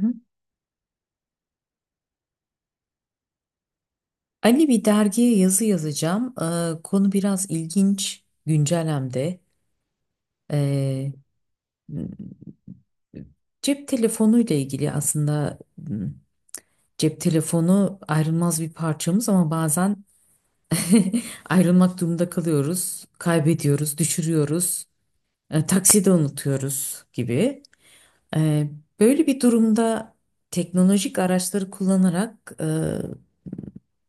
Hı hı. Ali bir dergiye yazı yazacağım. Konu biraz ilginç, güncel hem de. Ee, m- Cep telefonuyla ilgili aslında cep telefonu ayrılmaz bir parçamız ama bazen ayrılmak durumunda kalıyoruz, kaybediyoruz, düşürüyoruz, takside unutuyoruz gibi. Ee, Böyle bir durumda teknolojik araçları kullanarak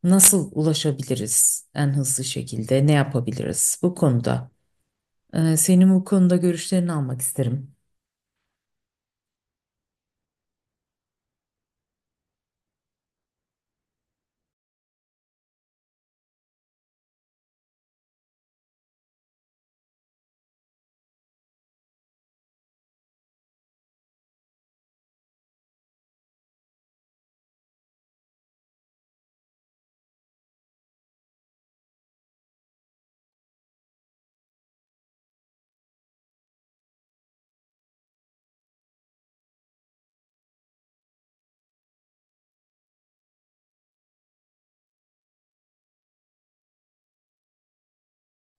nasıl ulaşabiliriz en hızlı şekilde? Ne yapabiliriz bu konuda? Senin bu konuda görüşlerini almak isterim.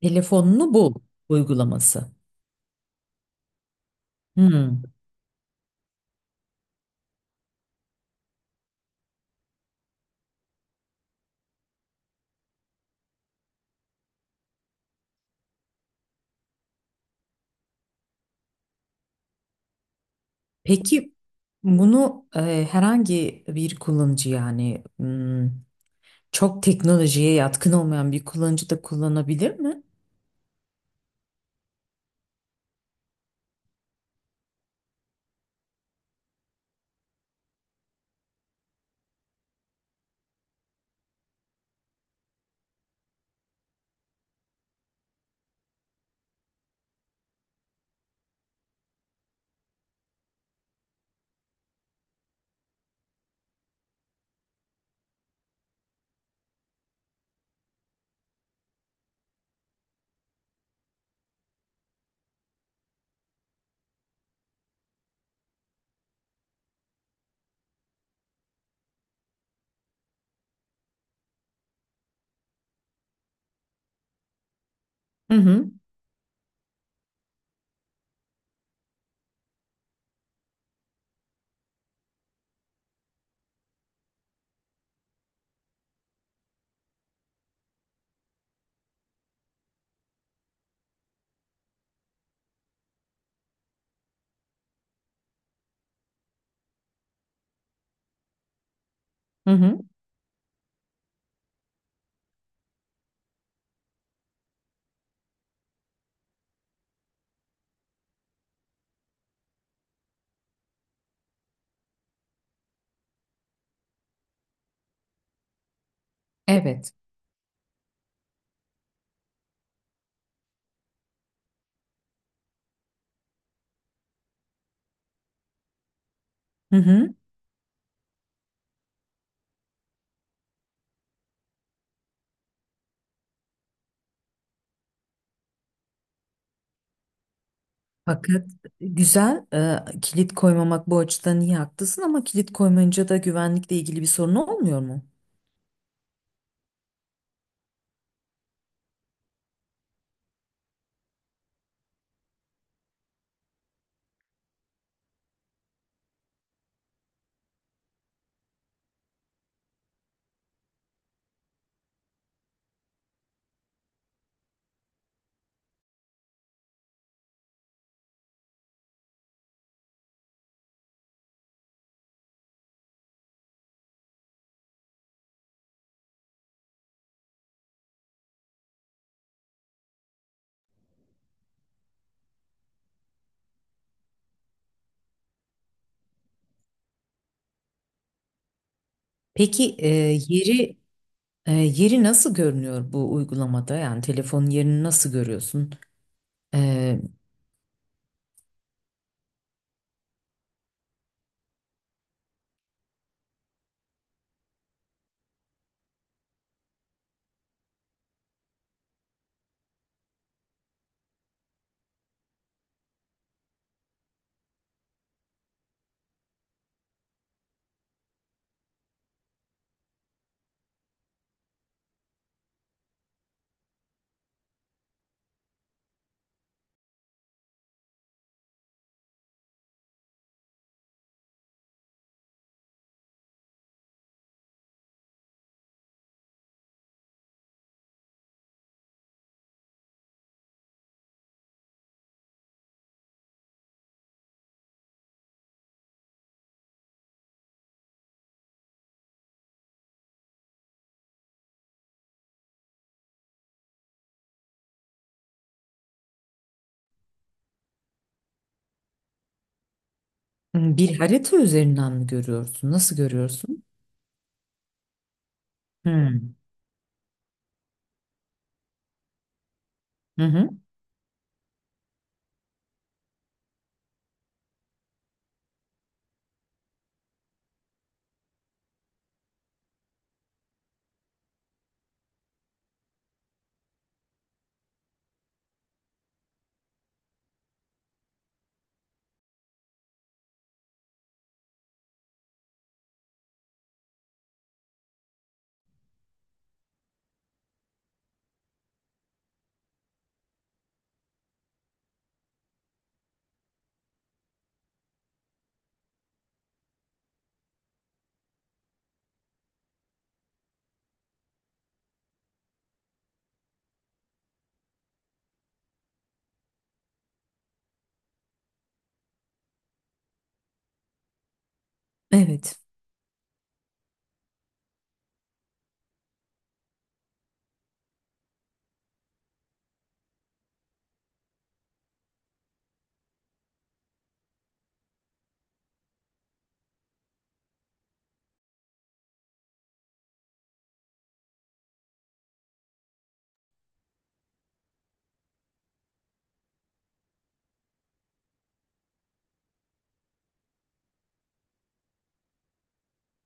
Telefonunu bul uygulaması. Hmm. Peki bunu herhangi bir kullanıcı, yani çok teknolojiye yatkın olmayan bir kullanıcı da kullanabilir mi? Hı hı. Hı hı. Evet. Hı hı. Fakat güzel, kilit koymamak bu açıdan iyi, haklısın, ama kilit koymayınca da güvenlikle ilgili bir sorun olmuyor mu? Peki yeri yeri nasıl görünüyor bu uygulamada? Yani telefonun yerini nasıl görüyorsun? E, Bir harita üzerinden mi görüyorsun? Nasıl görüyorsun? Hmm. Hı hı. Evet.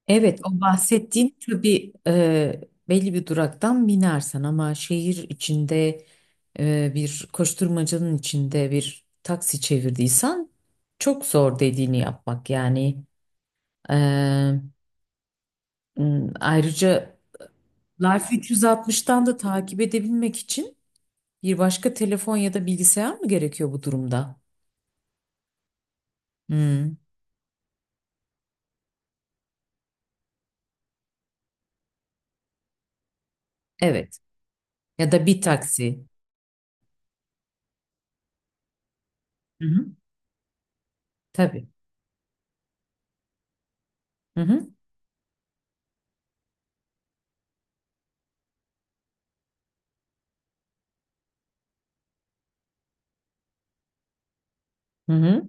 Evet, o bahsettiğin tabii, belli bir duraktan binersen ama şehir içinde, bir koşturmacanın içinde bir taksi çevirdiysen çok zor dediğini yapmak yani. E, Ayrıca Life 360'tan da takip edebilmek için bir başka telefon ya da bilgisayar mı gerekiyor bu durumda? Hı, evet. Ya da bir taksi. Hı hı. Tabii. Hı hı. Hı hı.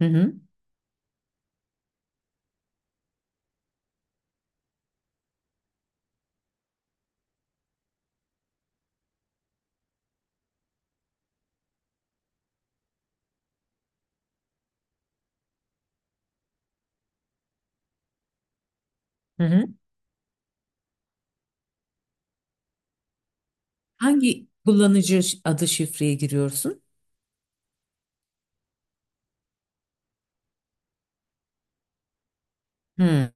Hı hı. Hı hı. Hangi kullanıcı ş- adı şifreye giriyorsun? Hmm.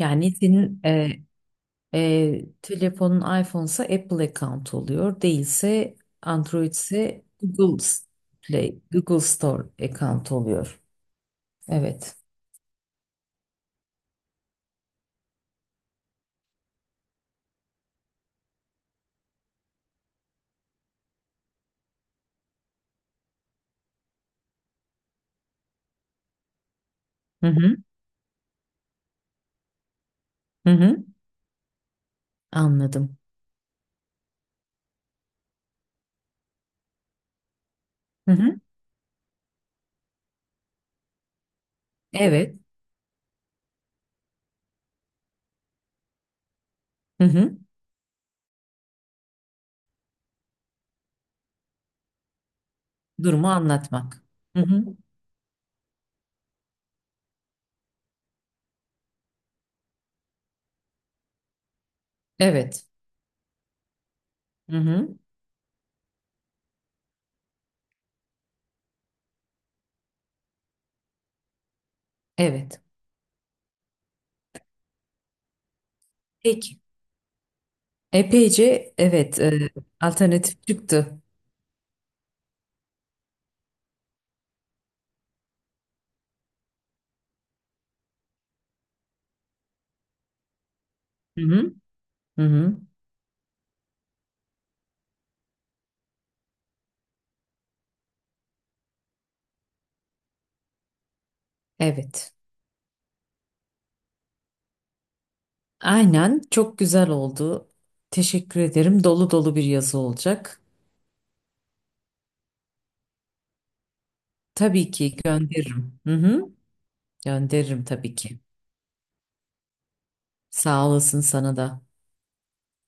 Yani senin telefonun iPhone'sa Apple account oluyor. Değilse Android ise Google S- Play, Google Store account oluyor. Evet. Hı hı. Hı hı. Anladım. Hı hı. Evet. Hı hı. Durumu anlatmak. Hı hı. Evet. Hı hı. Evet. Peki. Epeyce evet, alternatif çıktı. Hı hı. Hı hı. Evet. Aynen, çok güzel oldu. Teşekkür ederim. Dolu dolu bir yazı olacak. Tabii ki gönderirim. Hı hı. Gönderirim tabii ki. Sağ olasın sana da.